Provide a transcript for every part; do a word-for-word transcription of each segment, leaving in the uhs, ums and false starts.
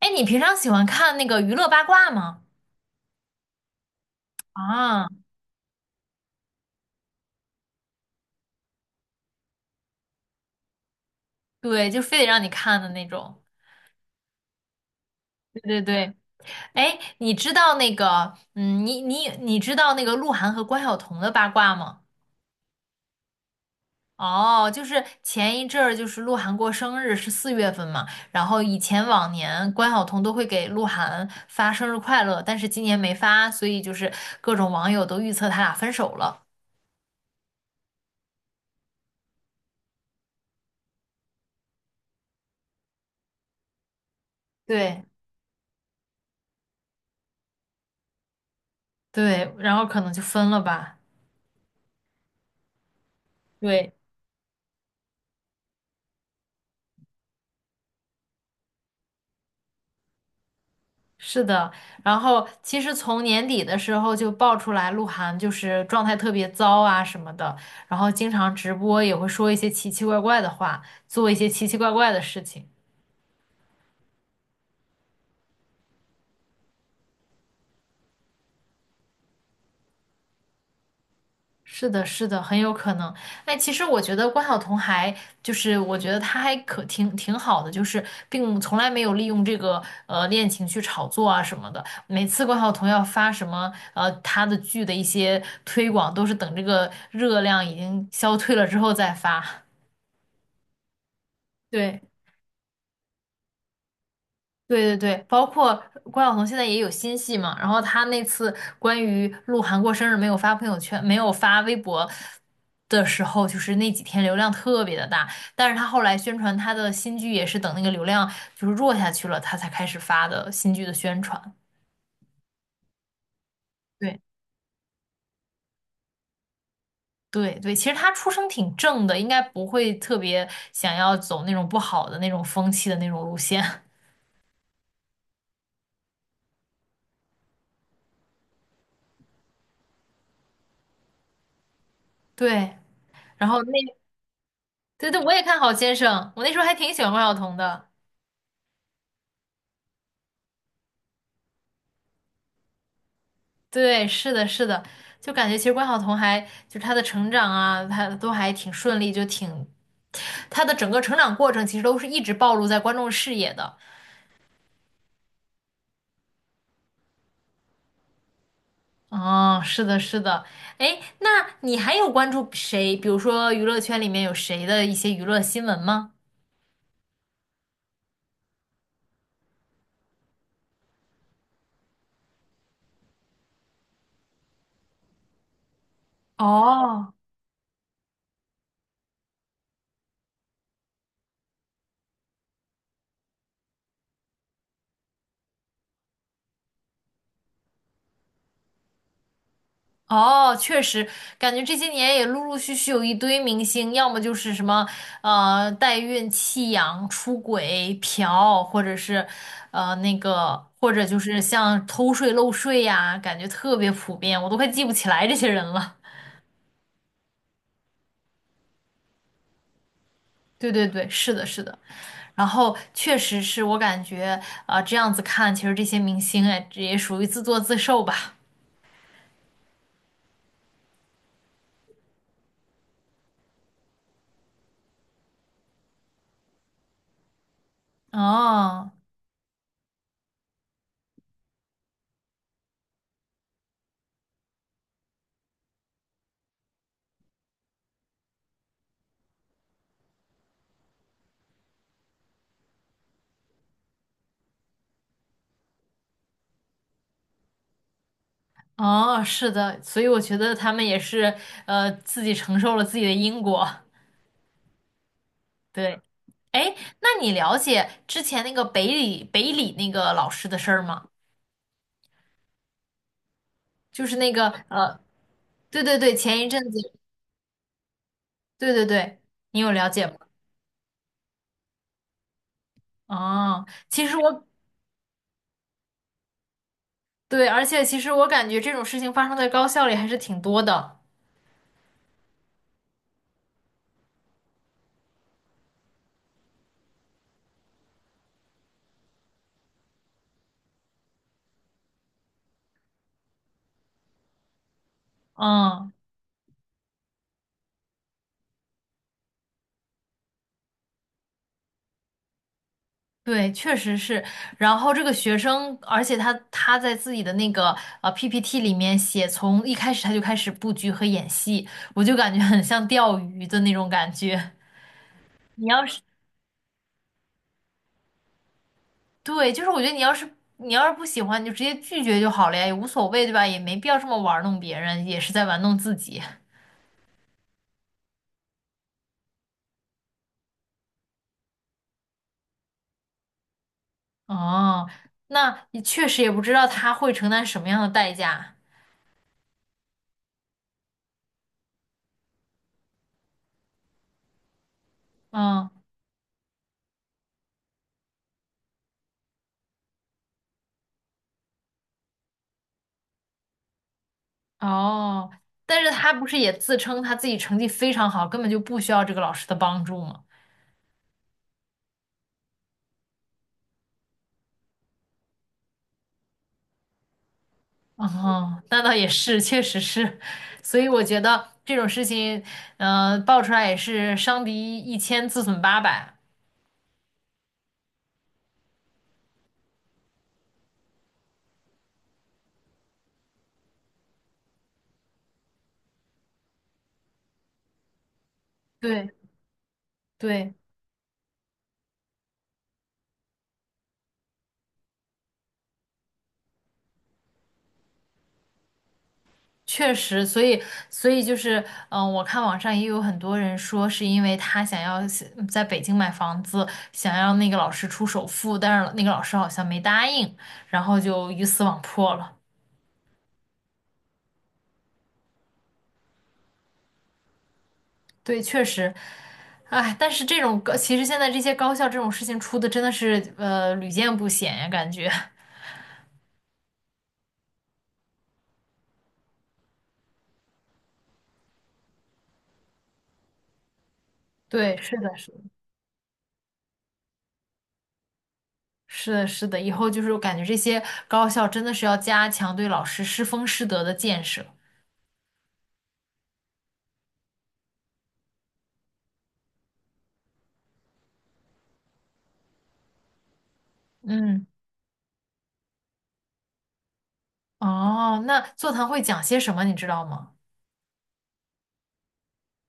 哎，你平常喜欢看那个娱乐八卦吗？啊，对，就非得让你看的那种。对对对，哎，你知道那个，嗯，你你你知道那个鹿晗和关晓彤的八卦吗？哦，就是前一阵儿，就是鹿晗过生日是四月份嘛，然后以前往年关晓彤都会给鹿晗发生日快乐，但是今年没发，所以就是各种网友都预测他俩分手了。对对，然后可能就分了吧。对。是的，然后其实从年底的时候就爆出来鹿晗就是状态特别糟啊什么的，然后经常直播也会说一些奇奇怪怪的话，做一些奇奇怪怪的事情。是的，是的，很有可能。哎，其实我觉得关晓彤还就是我觉得她还可挺挺好的，就是并从来没有利用这个呃恋情去炒作啊什么的。每次关晓彤要发什么呃她的剧的一些推广，都是等这个热量已经消退了之后再发。对对对对，包括关晓彤现在也有新戏嘛，然后她那次关于鹿晗过生日没有发朋友圈，没有发微博的时候，就是那几天流量特别的大，但是她后来宣传她的新剧也是等那个流量就是弱下去了，她才开始发的新剧的宣传。对对对，其实她出身挺正的，应该不会特别想要走那种不好的那种风气的那种路线。对，然后那对对，我也看好先生，我那时候还挺喜欢关晓彤的。对，是的，是的，就感觉其实关晓彤还就是她的成长啊，她都还挺顺利，就挺她的整个成长过程其实都是一直暴露在观众视野的。哦，是的，是的，哎，那你还有关注谁？比如说娱乐圈里面有谁的一些娱乐新闻吗？哦哦，确实，感觉这些年也陆陆续续有一堆明星，要么就是什么呃代孕、弃养、出轨、嫖，或者是呃那个，或者就是像偷税漏税呀，感觉特别普遍，我都快记不起来这些人了。对对对，是的，是的。然后确实是我感觉啊、呃这样子看，其实这些明星哎，这也属于自作自受吧。哦哦，是的，所以我觉得他们也是呃自己承受了自己的因果。对，哎，那你了解之前那个北理北理那个老师的事儿吗？就是那个呃，对对对，前一阵子，对对对，你有了解吗？啊，其实我对，而且其实我感觉这种事情发生在高校里还是挺多的。嗯，对，确实是。然后这个学生，而且他他在自己的那个呃 P P T 里面写，从一开始他就开始布局和演戏，我就感觉很像钓鱼的那种感觉。你要是对，就是我觉得你要是你要是不喜欢，你就直接拒绝就好了呀，也无所谓，对吧？也没必要这么玩弄别人，也是在玩弄自己。哦，那你确实也不知道他会承担什么样的代价。嗯，哦，但是他不是也自称他自己成绩非常好，根本就不需要这个老师的帮助吗？哦，那倒也是，确实是。所以我觉得这种事情，嗯、爆出来也是伤敌一千，自损八百。对对。确实，所以所以就是，嗯、我看网上也有很多人说，是因为他想要是在北京买房子，想要那个老师出首付，但是那个老师好像没答应，然后就鱼死网破了。对，确实，哎，但是这种高，其实现在这些高校这种事情出的真的是呃屡见不鲜呀，感觉。对，是的，是的，是的，是的，以后就是我感觉这些高校真的是要加强对老师师风师德的建设。嗯。哦，那座谈会讲些什么，你知道吗？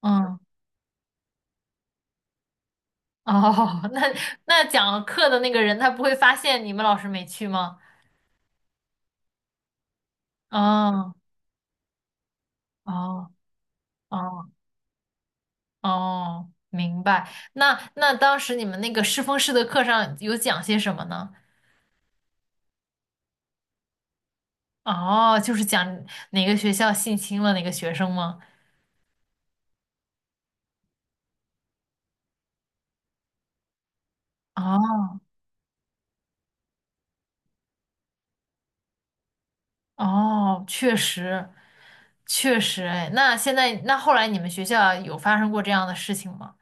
嗯，哦，那那讲课的那个人他不会发现你们老师没去吗？哦，哦，哦，哦，明白。那那当时你们那个师风师的课上有讲些什么呢？哦，就是讲哪个学校性侵了哪个学生吗？哦，哦，确实，确实，哎，那现在那后来你们学校有发生过这样的事情吗？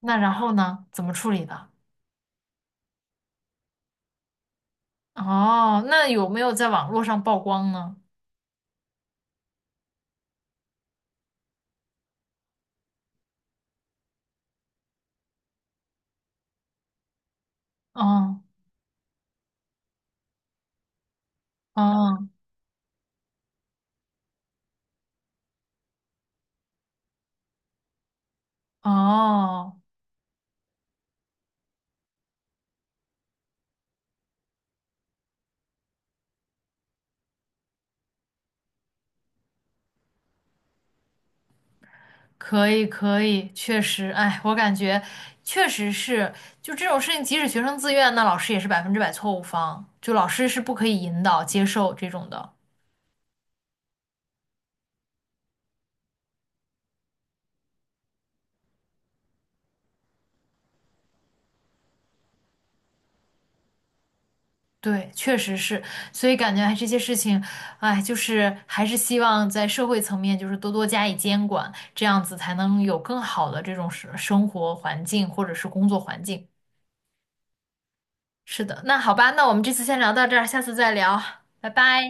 那然后呢？怎么处理的？哦，那有没有在网络上曝光呢？哦哦哦，可以可以，确实，哎，我感觉确实是，就这种事情，即使学生自愿，那老师也是百分之百错误方，就老师是不可以引导接受这种的。对，确实是，所以感觉哎，这些事情，哎，就是还是希望在社会层面，就是多多加以监管，这样子才能有更好的这种生生活环境或者是工作环境。是的，那好吧，那我们这次先聊到这儿，下次再聊，拜拜。